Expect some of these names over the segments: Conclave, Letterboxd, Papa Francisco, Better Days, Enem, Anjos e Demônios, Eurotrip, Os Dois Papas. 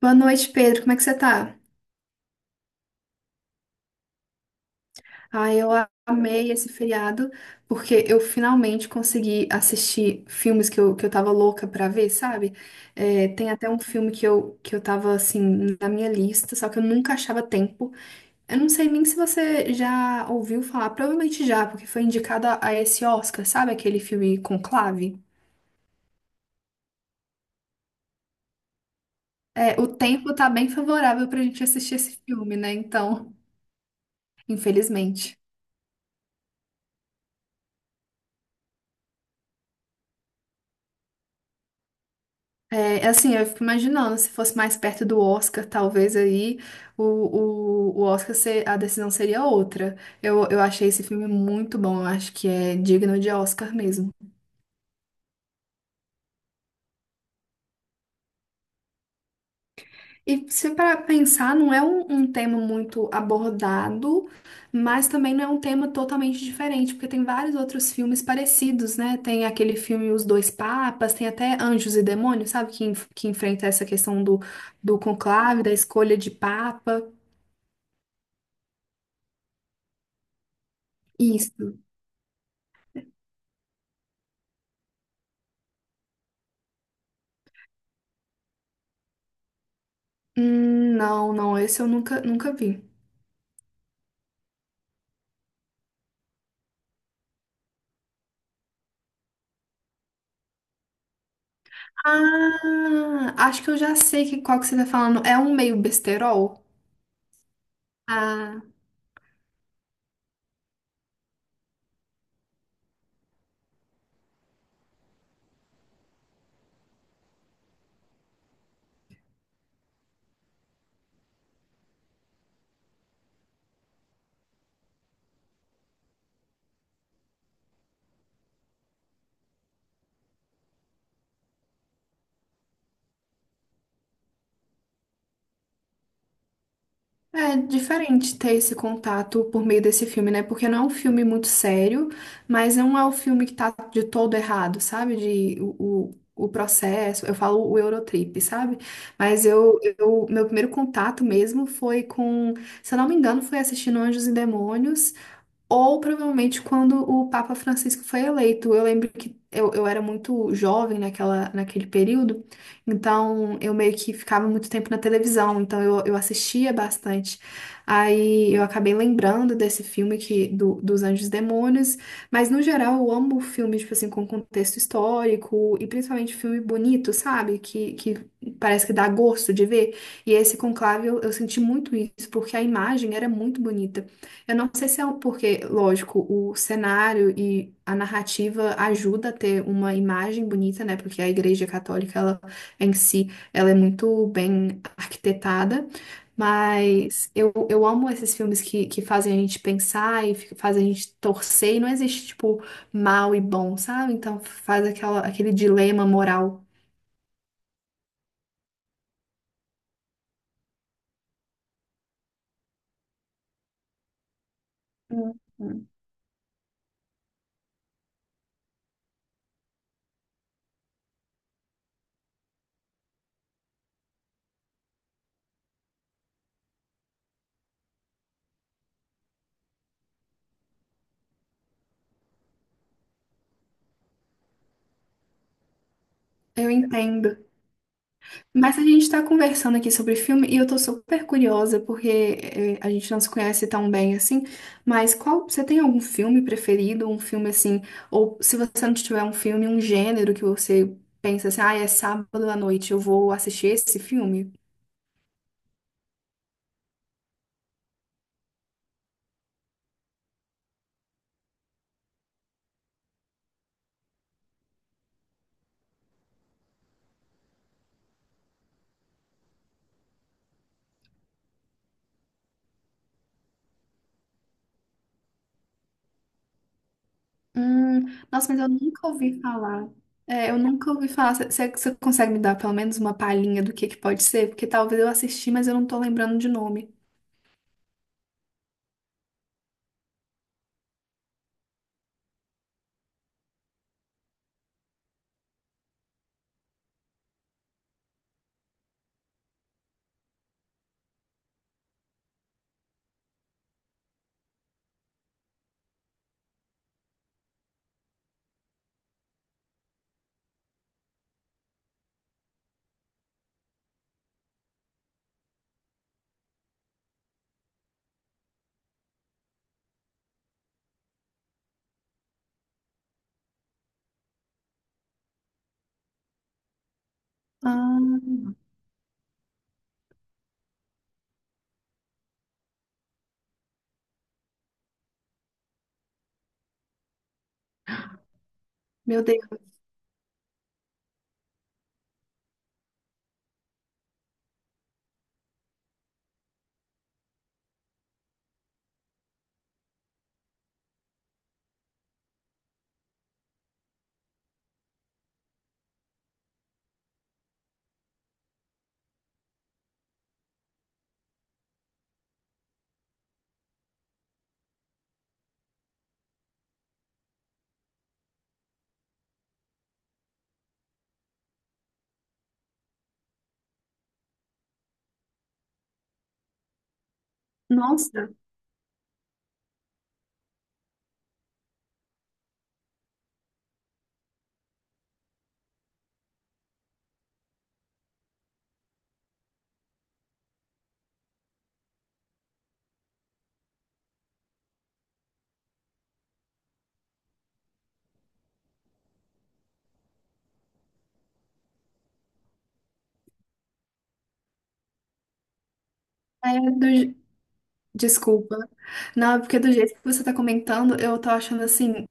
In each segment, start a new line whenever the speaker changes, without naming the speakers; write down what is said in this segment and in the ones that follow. Boa noite, Pedro. Como é que você tá? Ah, eu amei esse feriado porque eu finalmente consegui assistir filmes que eu tava louca pra ver, sabe? É, tem até um filme que eu tava, assim, na minha lista, só que eu nunca achava tempo. Eu não sei nem se você já ouviu falar, provavelmente já, porque foi indicada a esse Oscar, sabe? Aquele filme Conclave. É, o tempo tá bem favorável pra gente assistir esse filme, né? Então, infelizmente. É, assim, eu fico imaginando, se fosse mais perto do Oscar, talvez aí o Oscar, ser, a decisão seria outra. Eu achei esse filme muito bom, eu acho que é digno de Oscar mesmo. E se para pensar, não é um tema muito abordado, mas também não é um tema totalmente diferente, porque tem vários outros filmes parecidos, né? Tem aquele filme Os Dois Papas, tem até Anjos e Demônios, sabe? Que enfrenta essa questão do, do conclave, da escolha de papa. Isso. Não, não, esse eu nunca vi. Ah, acho que eu já sei que qual que você tá falando. É um meio besterol? Ah, é diferente ter esse contato por meio desse filme, né? Porque não é um filme muito sério, mas não é o filme que tá de todo errado, sabe? De o, o processo, eu falo o Eurotrip, sabe? Mas meu primeiro contato mesmo foi com, se eu não me engano, foi assistindo Anjos e Demônios. Ou provavelmente quando o Papa Francisco foi eleito. Eu lembro que eu era muito jovem naquele período, então eu meio que ficava muito tempo na televisão, então eu assistia bastante. Aí eu acabei lembrando desse filme que, dos Anjos e Demônios, mas no geral eu amo filmes, tipo assim, com contexto histórico e principalmente filme bonito, sabe? Que parece que dá gosto de ver. E esse Conclave eu senti muito isso, porque a imagem era muito bonita. Eu não sei se é porque, lógico, o cenário e a narrativa ajuda a ter uma imagem bonita, né? Porque a Igreja Católica, ela em si, ela é muito bem arquitetada. Mas eu amo esses filmes que fazem a gente pensar e fazem a gente torcer. E não existe, tipo, mal e bom, sabe? Então faz aquela, aquele dilema moral. Uhum. Eu entendo. Mas a gente está conversando aqui sobre filme e eu tô super curiosa porque a gente não se conhece tão bem assim. Mas qual, você tem algum filme preferido, um filme assim, ou se você não tiver um filme, um gênero que você pensa assim, ah, é sábado à noite, eu vou assistir esse filme? Hum, nossa, mas eu nunca ouvi falar. É, eu nunca ouvi falar. Você consegue me dar pelo menos uma palhinha do que pode ser? Porque talvez eu assisti, mas eu não tô lembrando de nome. Ah, meu Deus. Nossa, é do, desculpa. Não, é porque do jeito que você tá comentando, eu tô achando assim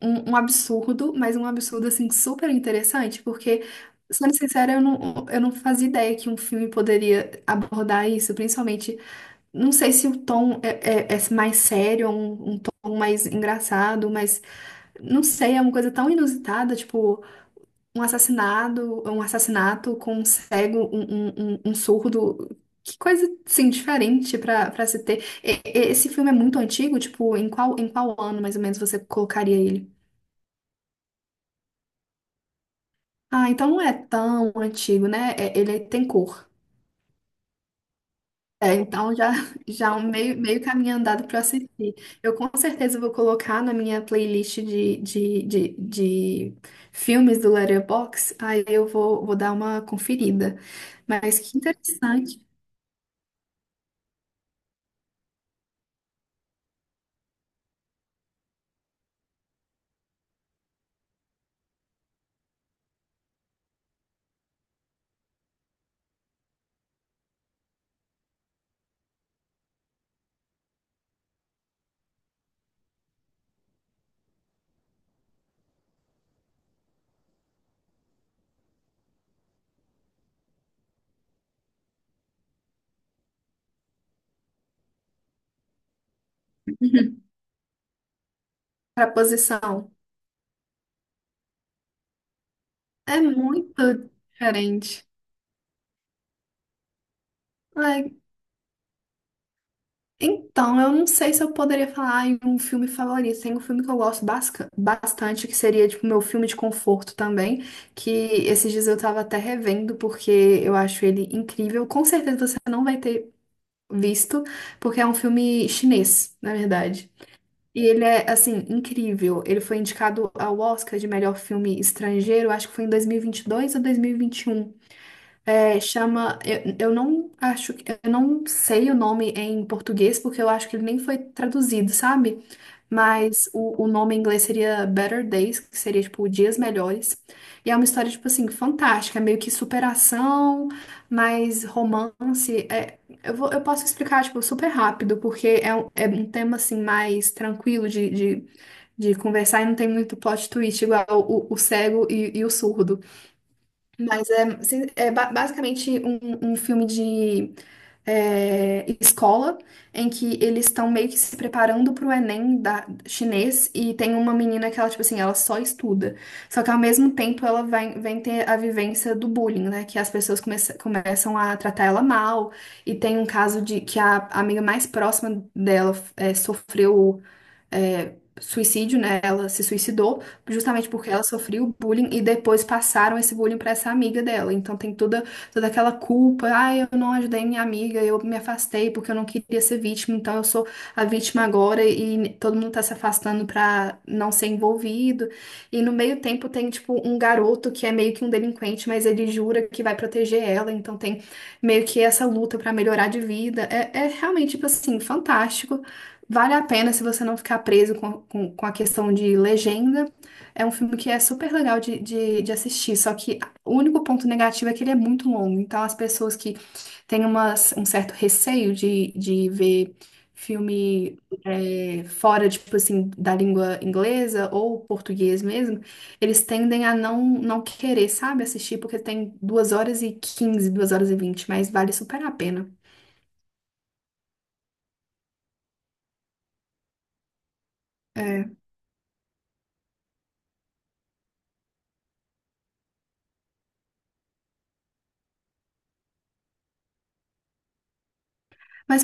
um absurdo, mas um absurdo assim super interessante, porque, sendo sincera, eu não fazia ideia que um filme poderia abordar isso, principalmente, não sei se o tom é, é mais sério, um tom mais engraçado, mas não sei, é uma coisa tão inusitada, tipo um assassinado, um assassinato com um cego, um surdo. Que coisa, assim, diferente pra, pra se ter. Esse filme é muito antigo, tipo, em qual ano, mais ou menos, você colocaria ele? Ah, então não é tão antigo, né? Ele tem cor. É, então já, já é um meio, meio caminho andado para assistir. Eu com certeza vou colocar na minha playlist de filmes do Letterboxd, aí eu vou dar uma conferida. Mas que interessante. Para a posição. É muito diferente. É, então, eu não sei se eu poderia falar em um filme favorito. Tem um filme que eu gosto bastante, que seria, tipo, meu filme de conforto também, que esses dias eu tava até revendo, porque eu acho ele incrível. Com certeza você não vai ter visto, porque é um filme chinês, na verdade. E ele é, assim, incrível. Ele foi indicado ao Oscar de melhor filme estrangeiro, acho que foi em 2022 ou 2021. É, chama. Eu não acho. Eu não sei o nome em português, porque eu acho que ele nem foi traduzido, sabe? Mas o nome em inglês seria Better Days, que seria, tipo, Dias Melhores. E é uma história, tipo assim, fantástica. É meio que superação, mas romance. É, eu posso explicar, tipo, super rápido, porque é é um tema, assim, mais tranquilo de conversar e não tem muito plot twist, igual o cego e o surdo. Mas é, sim, é basicamente um filme de é, escola em que eles estão meio que se preparando para o Enem da, chinês e tem uma menina que ela, tipo assim, ela só estuda. Só que ao mesmo tempo ela vai, vem ter a vivência do bullying, né? Que as pessoas começam a tratar ela mal. E tem um caso de que a amiga mais próxima dela é, sofreu é, suicídio, né? Ela se suicidou justamente porque ela sofreu bullying e depois passaram esse bullying para essa amiga dela. Então tem toda, toda aquela culpa, ah, eu não ajudei minha amiga, eu me afastei porque eu não queria ser vítima, então eu sou a vítima agora e todo mundo tá se afastando para não ser envolvido. E no meio tempo tem tipo um garoto que é meio que um delinquente, mas ele jura que vai proteger ela, então tem meio que essa luta para melhorar de vida. É, é realmente tipo assim, fantástico. Vale a pena se você não ficar preso com a questão de legenda. É um filme que é super legal de assistir, só que o único ponto negativo é que ele é muito longo. Então, as pessoas que têm umas, um certo receio de ver filme é, fora, tipo assim, da língua inglesa ou português mesmo, eles tendem a não querer, sabe, assistir, porque tem 2 horas e 15 2 horas e 20 mas vale super a pena. É. Mas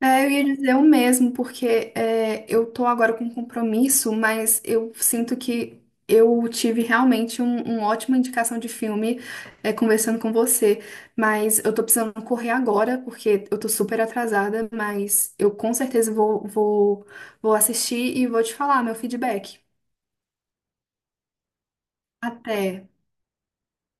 é, eu ia dizer o mesmo, porque é, eu tô agora com um compromisso, mas eu sinto que eu tive realmente um, uma ótima indicação de filme é, conversando com você. Mas eu tô precisando correr agora, porque eu tô super atrasada, mas eu com certeza vou assistir e vou te falar meu feedback. Até.